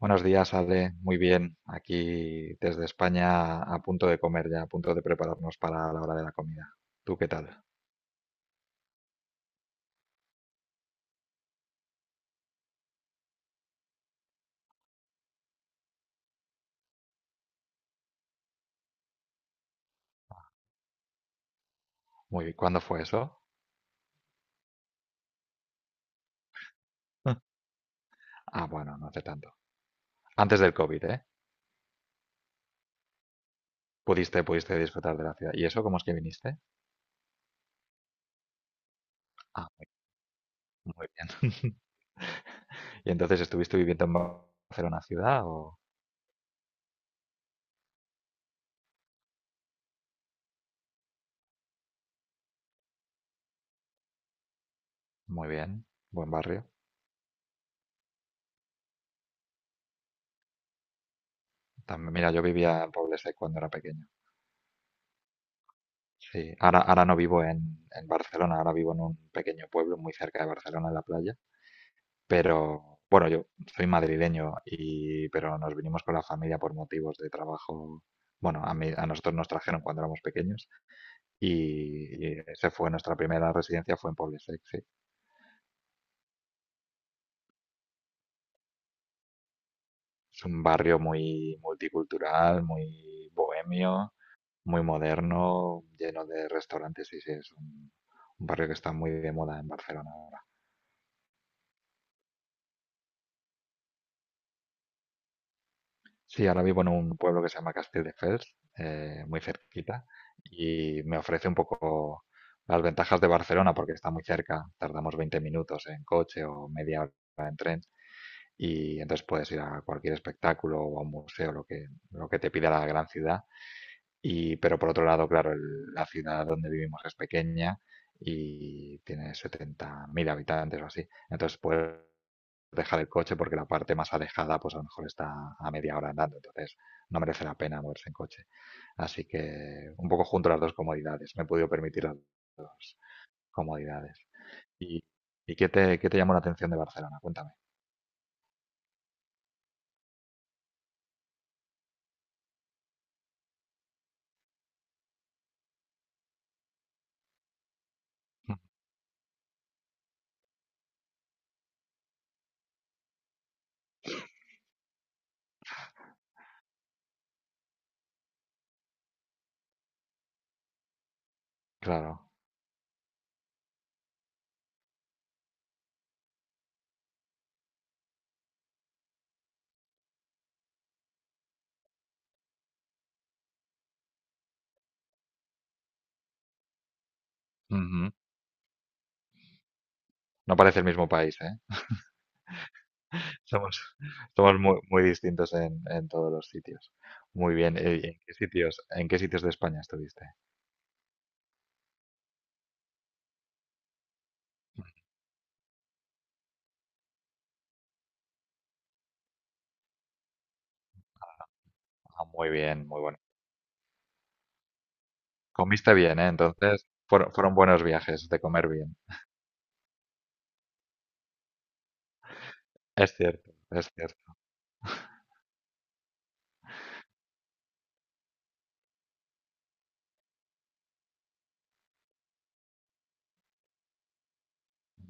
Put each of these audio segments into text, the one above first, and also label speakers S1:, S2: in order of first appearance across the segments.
S1: Buenos días, Ale. Muy bien. Aquí desde España a punto de comer ya, a punto de prepararnos para la hora de la comida. ¿Tú qué tal? Muy bien. ¿Cuándo fue eso? Ah, bueno, no hace tanto. Antes del COVID, ¿eh? Pudiste disfrutar de la ciudad. ¿Y eso cómo es que viniste? Ah, muy bien. ¿Y entonces estuviste viviendo en Barcelona ciudad o...? Muy bien. Buen barrio. También, mira, yo vivía en Poble cuando era pequeño. Sí, ahora no vivo en Barcelona, ahora vivo en un pequeño pueblo muy cerca de Barcelona, en la playa. Pero bueno, yo soy madrileño y pero nos vinimos con la familia por motivos de trabajo. Bueno, a mí, a nosotros nos trajeron cuando éramos pequeños y esa fue nuestra primera residencia, fue en Poblesec, sí. Sí. Es un barrio muy multicultural, muy bohemio, muy moderno, lleno de restaurantes y sí, es un barrio que está muy de moda en Barcelona ahora. Sí, ahora vivo en un pueblo que se llama Castelldefels, muy cerquita, y me ofrece un poco las ventajas de Barcelona porque está muy cerca, tardamos 20 minutos en coche o media hora en tren, y entonces puedes ir a cualquier espectáculo o a un museo, lo que te pida la gran ciudad, y, pero por otro lado, claro, la ciudad donde vivimos es pequeña y tiene 70.000 habitantes o así. Entonces puedes dejar el coche porque la parte más alejada, pues a lo mejor está a media hora andando. Entonces no merece la pena moverse en coche. Así que un poco junto las dos comodidades. Me he podido permitir las dos comodidades. ¿Y, y qué qué te llamó la atención de Barcelona? Cuéntame. Claro. Ujú. No parece el mismo país, ¿eh? Somos, somos muy distintos en todos los sitios. Muy bien. En qué sitios de España estuviste? Ah, muy bien, muy bueno. Comiste bien, ¿eh? Entonces, fueron buenos viajes de comer bien. Es cierto, es cierto.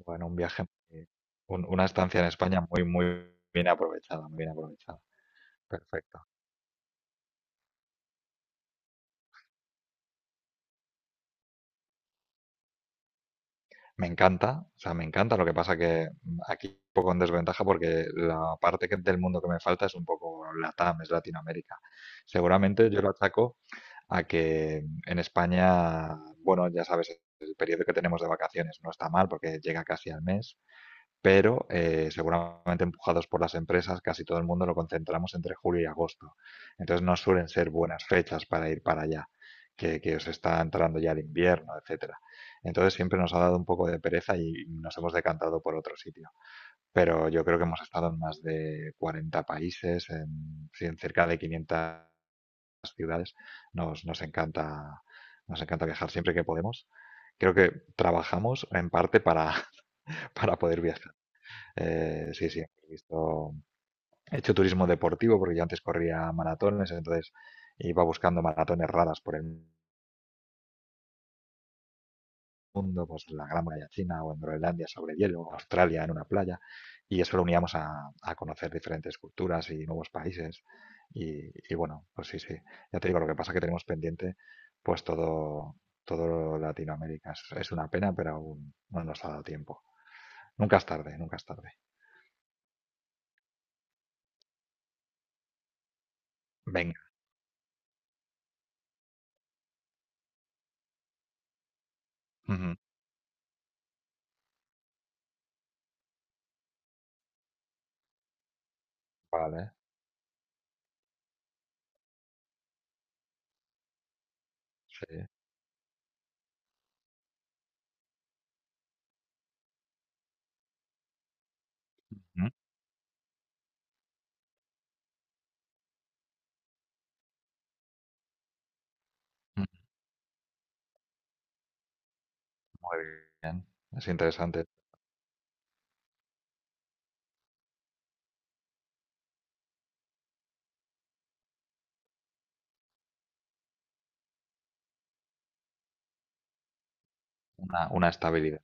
S1: Bueno, un viaje, muy- un- una estancia en España muy bien aprovechada, muy bien aprovechada. Perfecto. Me encanta, o sea, me encanta. Lo que pasa que aquí un poco en desventaja porque la del mundo que me falta es un poco LATAM, es Latinoamérica. Seguramente yo lo achaco a que en España, bueno, ya sabes, el periodo que tenemos de vacaciones no está mal porque llega casi al mes, pero seguramente empujados por las empresas, casi todo el mundo lo concentramos entre julio y agosto. Entonces no suelen ser buenas fechas para ir para allá, que os está entrando ya el invierno, etcétera. Entonces siempre nos ha dado un poco de pereza y nos hemos decantado por otro sitio. Pero yo creo que hemos estado en más de 40 países, en, sí, en cerca de 500 las ciudades. Nos, nos encanta, nos encanta viajar siempre que podemos. Creo que trabajamos en parte para, para poder viajar. Sí, sí, he visto, he hecho turismo deportivo porque yo antes corría maratones, entonces iba buscando maratones raras por el mundo, pues la Gran Muralla China o en Groenlandia sobre hielo, o Australia en una playa, y eso lo uníamos a conocer diferentes culturas y nuevos países. Y bueno, pues sí, sí, ya te digo, lo que pasa es que tenemos pendiente pues todo, todo Latinoamérica. Es una pena, pero aún no nos ha dado tiempo. Nunca es tarde, nunca es tarde. Venga. Ujú. Vale, sí. Ujú, ujú. Muy bien. Es interesante. Una estabilidad.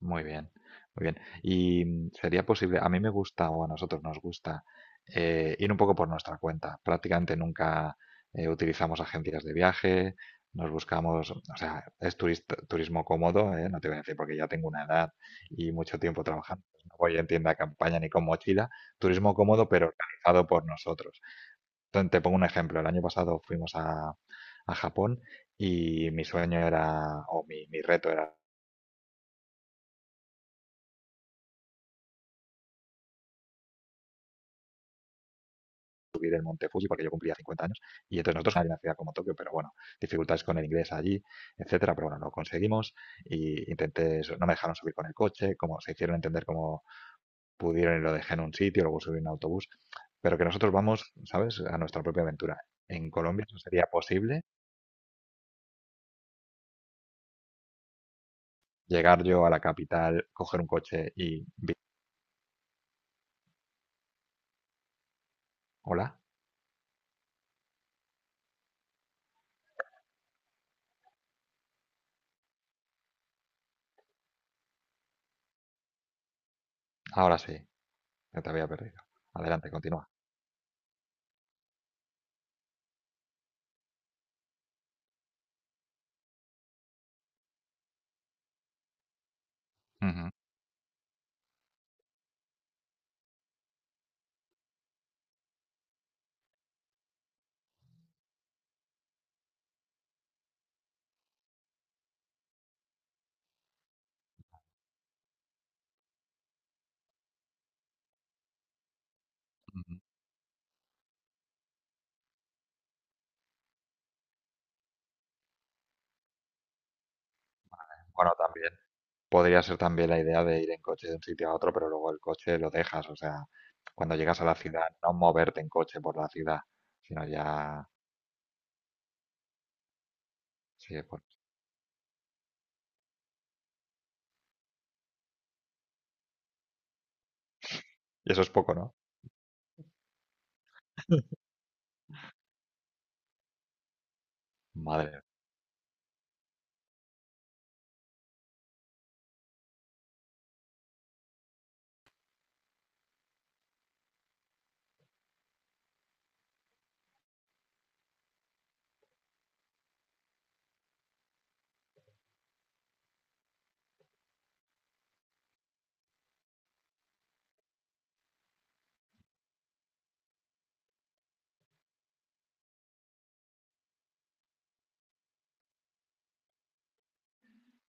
S1: Muy bien, muy bien. Y sería posible, a mí me gusta o a nosotros nos gusta ir un poco por nuestra cuenta. Prácticamente nunca utilizamos agencias de viaje, nos buscamos, o sea, es turismo cómodo, ¿eh? No te voy a decir porque ya tengo una edad y mucho tiempo trabajando. Pues no voy en tienda de campaña ni con mochila. Turismo cómodo, pero organizado por nosotros. Entonces, te pongo un ejemplo. El año pasado fuimos a Japón y mi sueño era, o mi reto era subir el Monte Fuji porque yo cumplía 50 años y entonces nosotros en una ciudad como Tokio, pero bueno, dificultades con el inglés allí, etcétera, pero bueno, lo conseguimos y intenté, no me dejaron subir con el coche, como se hicieron entender cómo pudieron y lo dejé en un sitio, luego subí en un autobús, pero que nosotros vamos, ¿sabes?, a nuestra propia aventura. En Colombia eso sería posible, llegar yo a la capital, coger un coche y, hola, ahora sí, que te había perdido. Adelante, continúa. Ujú, ujú. Bueno, también podría ser también la idea de ir en coche de un sitio a otro, pero luego el coche lo dejas, o sea, cuando llegas a la ciudad, no moverte en coche por la ciudad, sino ya, sí, pues, y eso es poco, ¿no? Madre.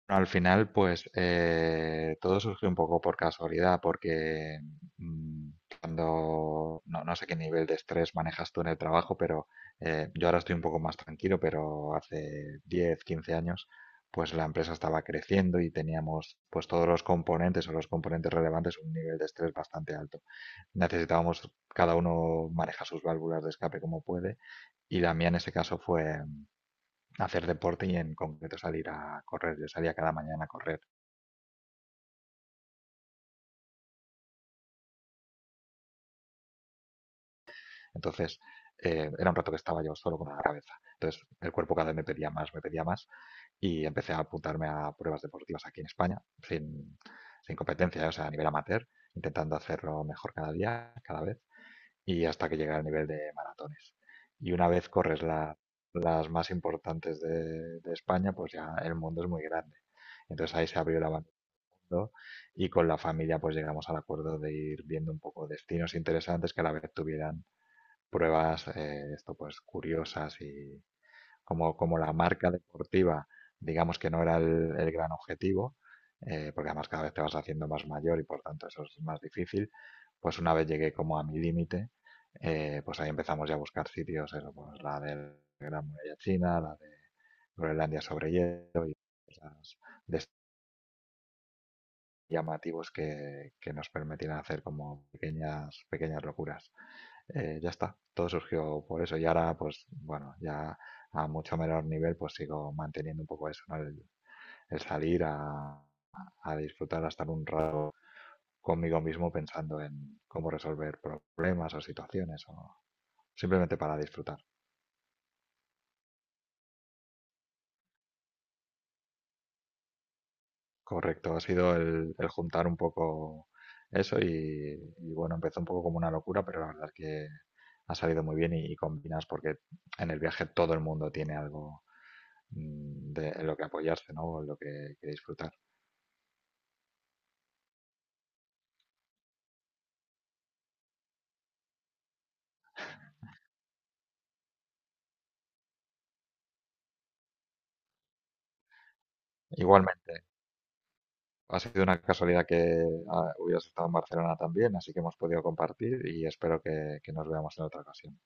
S1: Al final, pues todo surgió un poco por casualidad, porque mm, cuando no, no sé qué nivel de estrés manejas tú en el trabajo, pero yo ahora estoy un poco más tranquilo, pero hace 10, 15 años, pues la empresa estaba creciendo y teníamos pues todos los componentes o los componentes relevantes un nivel de estrés bastante alto. Necesitábamos, cada uno maneja sus válvulas de escape como puede, y la mía en ese caso fue hacer deporte y en concreto salir a correr. Yo salía cada mañana a correr. Entonces, era un rato que estaba yo solo con la cabeza. Entonces, el cuerpo cada vez me pedía más, y empecé a apuntarme a pruebas deportivas aquí en España, sin competencia, ¿eh? O sea, a nivel amateur, intentando hacerlo mejor cada día, cada vez, y hasta que llegué al nivel de maratones. Y una vez corres las más importantes de España, pues ya el mundo es muy grande. Entonces ahí se abrió la bandera mundo, y con la familia pues llegamos al acuerdo de ir viendo un poco destinos interesantes que a la vez tuvieran pruebas esto pues curiosas y como, como la marca deportiva, digamos que no era el gran objetivo, porque además cada vez te vas haciendo más mayor y por tanto eso es más difícil, pues una vez llegué como a mi límite, pues ahí empezamos ya a buscar sitios, eso, pues la de Gran Muralla China, la de Groenlandia sobre hielo y cosas de estos llamativos que nos permitieran hacer como pequeñas, pequeñas locuras ya está, todo surgió por eso. Y ahora, pues bueno, ya a mucho menor nivel, pues sigo manteniendo un poco eso, ¿no? El salir a disfrutar, a estar un rato conmigo mismo pensando en cómo resolver problemas o situaciones o simplemente para disfrutar. Correcto, ha sido el juntar un poco eso y, bueno, empezó un poco como una locura, pero la verdad es que ha salido muy bien y combinas porque en el viaje todo el mundo tiene algo en lo que apoyarse, ¿no? O en que disfrutar. Igualmente, ha sido una casualidad que hubieras estado en Barcelona también, así que hemos podido compartir y espero que nos veamos en otra ocasión.